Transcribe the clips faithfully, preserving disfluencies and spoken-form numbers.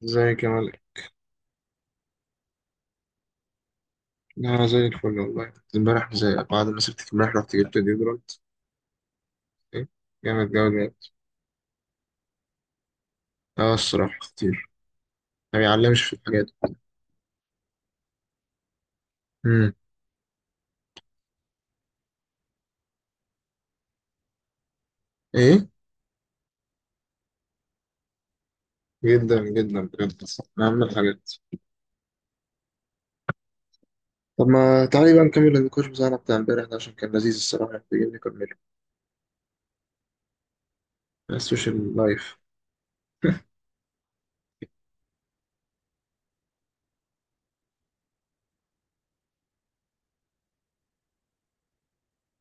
زي كمال. انا زي الفل والله، امبارح، زي بعد ما سبتك امبارح رحت جبت ديودرنت. ايه، جامد جامد جامد. اه الصراحه خطير، ما بيعلمش في الحاجات دي. امم. ايه، جدا جدا بجد، من اهم الحاجات. طب ما تعالي بقى نكمل النقاش بتاعنا بتاع امبارح ده عشان كان لذيذ الصراحه، محتاجين نكمله. السوشيال لايف.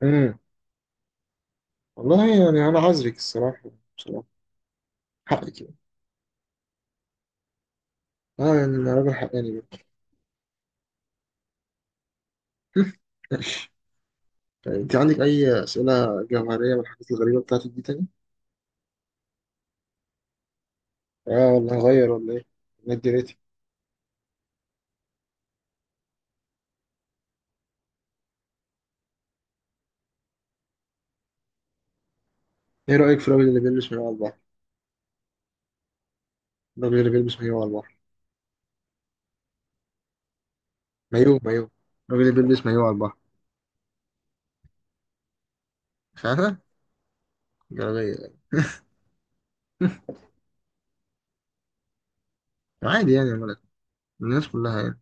امم. والله يعني انا عذرك الصراحه، بصراحه حقك يعني. اه يعني انا راجل حقاني برضه. ماشي. طيب انت عندك اي اسئله جوهريه من الحاجات الغريبه بتاعتك دي تاني؟ اه والله، غير ولا ايه؟ ندي ريتي. ايه رأيك في الراجل اللي بيلبس مايو على البحر؟ الراجل اللي بيلبس مايو على البحر. مايو مايو، الراجل اللي بيلبس مايو على البحر. مش عارفة. جلابية يعني؟ عادي يعني يا ملك، الناس كلها يعني.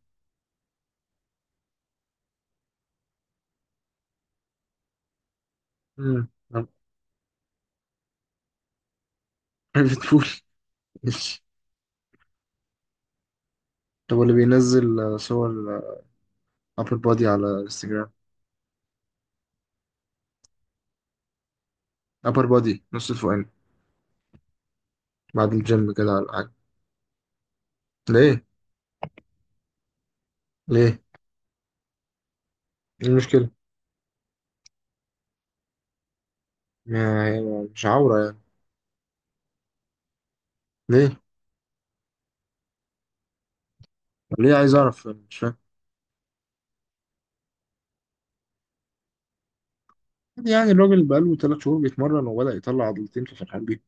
امم. طب. بتقول ماشي. طب اللي بينزل آه، صور ابر بادي على انستجرام. ابر بادي نص الفوقاني، بعد الجيم كده ولا حاجة؟ ليه؟ ليه؟ ايه المشكلة؟ ما هي مش عورة يعني. ليه؟ ليه عايز اعرف، مش فاهم. يعني الراجل بقاله ثلاث شهور بيتمرن وبدأ يطلع عضلتين ففرحان بيه.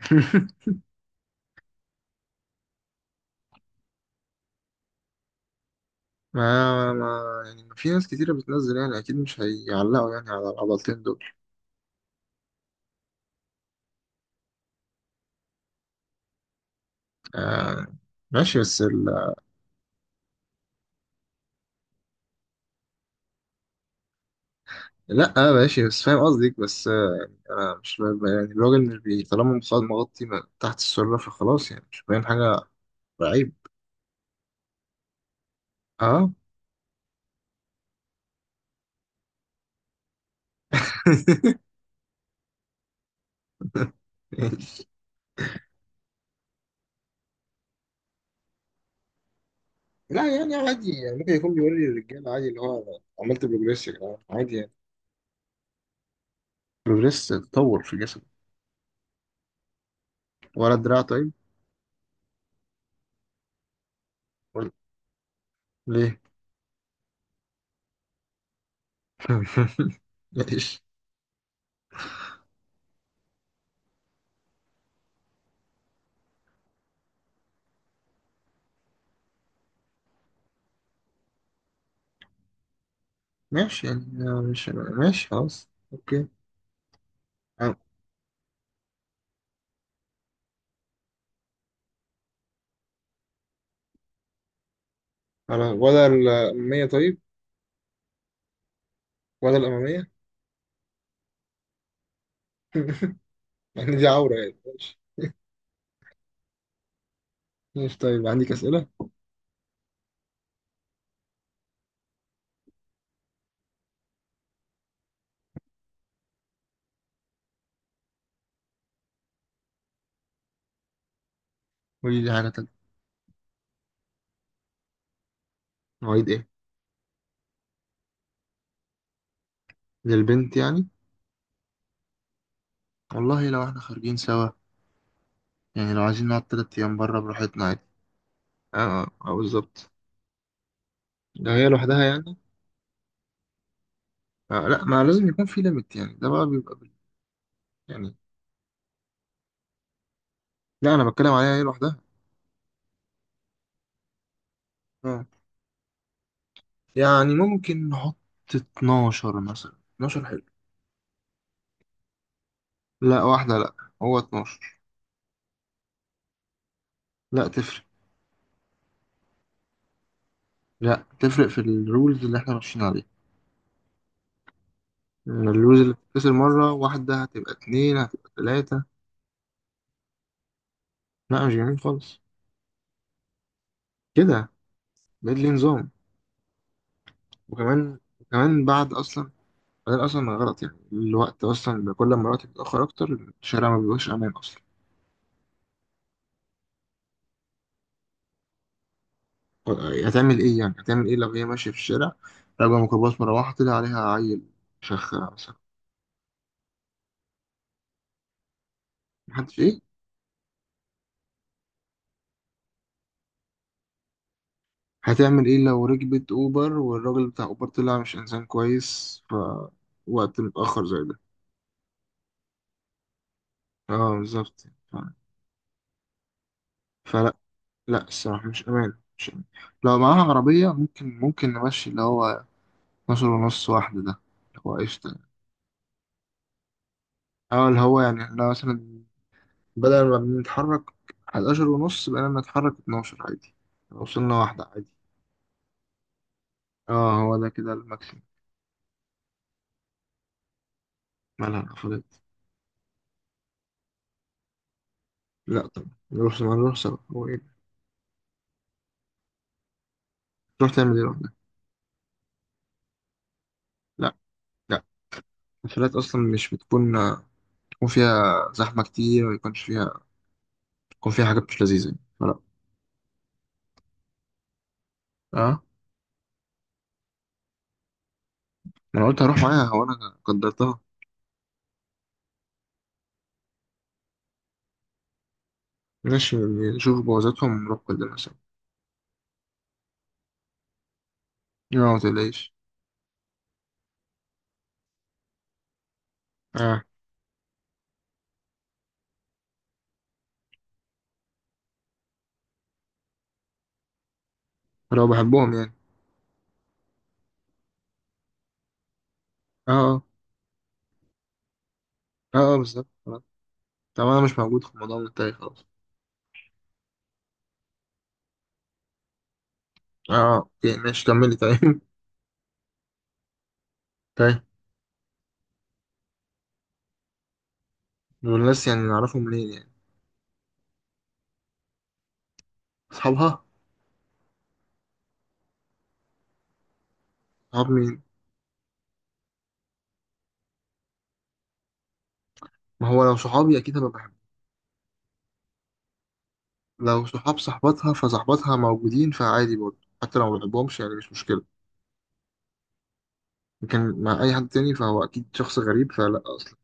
ما ما يعني في ناس كتيرة بتنزل يعني، أكيد مش هيعلقوا يعني على العضلتين دول. آه، ماشي بس ال... لأ ماشي، بس فاهم قصدك، بس آه يعني أنا مش ب- يعني الراجل مش بي طالما مخ- مغطي ما- تحت السرة فخلاص يعني مش باين حاجة، عيب. أه. لا يعني عادي يعني، ممكن يكون بيوري الرجالة عادي اللي هو أنا عملت بروجريس يا جدعان عادي يعني. بروجريس تطور في جسمك. ولا دراع طيب؟ ولا... ليه؟ ليش؟ ماشي يعني آه، مش ماشي خلاص، اوكي. عم- على ولا الأمامية طيب؟ ولا الأمامية. يعني دي عورة يعني، ماشي. ماشي طيب، عندك أسئلة. قولي لي حاجة تانية. مواعيد إيه؟ للبنت يعني؟ والله لو إحنا خارجين سوا يعني، لو عايزين نقعد تلات أيام بره براحتنا عادي. أه أه آه، بالظبط، لو هي لوحدها يعني. أه لا، ما لازم يكون في ليميت يعني، ده بقى بيبقى بال- يعني، لا أنا بتكلم عليها هي لوحدها. أه يعني ممكن نحط اتناشر مثلا، اتناشر حلو. لا واحدة لا، هو اتناشر. لا تفرق، لا تفرق في الرولز اللي احنا ماشيين عليها، إن الرولز اللي بتتكسر مرة واحدة هتبقى اتنين هتبقى تلاتة. لا مش جميل خالص. كده بقيت ليه نظام. وكمان وكمان بعد أصلا، بعدين أصلا غلط يعني الوقت، أصلا كل ما الوقت بيتأخر أكتر الشارع ما بيبقاش أمان أصلا. هتعمل إيه يعني؟ هتعمل إيه لو هي ماشية في الشارع، راكبة ميكروباص مروحة طلع عليها عيل شخة مثلا؟ محدش إيه؟ هتعمل إيه لو ركبت أوبر والراجل بتاع أوبر طلع مش إنسان كويس ف وقت متأخر زي ده؟ اه بالظبط. ف- فلا، لا الصراحة مش أمان، مش أمان. لو معاها عربية ممكن، ممكن نمشي اللي هو اتناشر ونص واحدة ده، اللي هو قشطة. اه، اللي هو يعني احنا مثلا بدل ما بنتحرك حداشر ونص بقينا نتحرك اتناشر عادي، لو وصلنا واحدة عادي. اه هو ده كده الماكسيم. مالها الحفلات؟ لا طبعا نروح، ما نروح سوا، هو ايه ده؟ تروح تعمل ايه لوحدك؟ لا، لا، الحفلات أصلا مش بتكون، بتكون فيها زحمة كتير ويكونش فيها، يكون فيها حاجات مش لذيذة يعني، فلا. اه. انا قلت هروح معاها وانا قدرتها. ماشي يعني، شوف بوظتهم نروح كلنا سوا. لا ما تقلقش. اه. لو بحبهم يعني؟ اه اه. اه آه، بالظبط خلاص. طب انا مش موجود في الموضوع، منتهي خلاص. اه آه، اوكي ماشي، كملي طيب. طيب. والناس يعني نعرفهم منين يعني؟ اصحابها. صحاب مين؟ ما هو لو صحابي اكيد هبقى بحبهم. لو صحاب صاحبتها فصاحبتها موجودين فعادي برضه، حتى لو ما بحبهمش يعني مش مشكلة. لكن مع أي حد تاني فهو أكيد شخص غريب، فلا أصلا،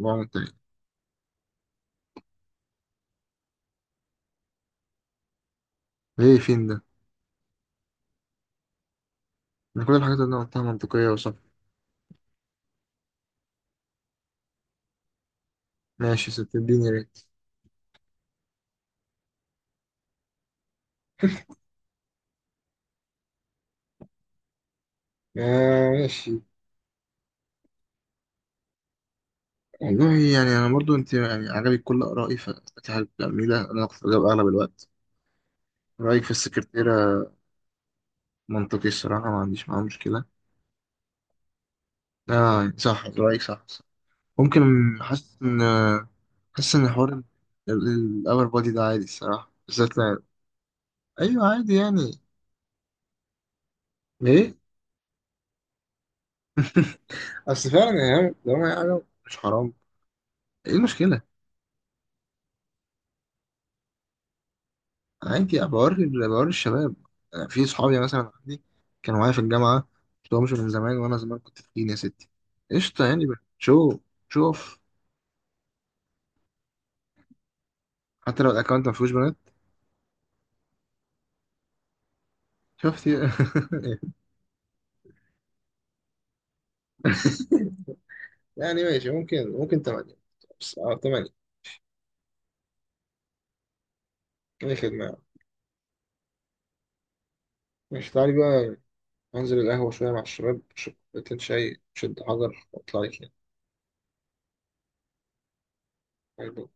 الموضوع منتهي. ليه فين ده؟ إن كل الحاجات اللي أنا قلتها منطقية. ماشي ستديني يا ريت. آه ماشي. والله يعني انا برضو، انت يعني عجبك كل ارائي فانت حابب العميله، انا كنت بجاوب اغلب الوقت. رايك في السكرتيره منطقي الصراحه، ما عنديش معاه مشكله. اه صح، رايك صح، صح. ممكن حاسس ان حاسس ان حوار الاور بودي ده عادي الصراحه، بالذات لو... ايوه عادي يعني. ليه؟ اصل فعلا يعني لو ما يعني مش حرام. ايه المشكله؟ عادي بوري بوري الشباب. في صحابي مثلا عندي كانوا معايا في الجامعة، مشفتهمش من زمان، وأنا زمان كنت تخين يا ستي، قشطة يعني. شوف، شوف. حتى لو الأكونت ما فيهوش بنات. شفت. يعني ماشي ممكن، ممكن تمانية، بس اه تمانية. ايه خدمة يعني. ماشي تعالي بقى، انزل القهوة شوية مع الشباب، اشرب كوبايتين شاي شد حجر واطلع لك. يعني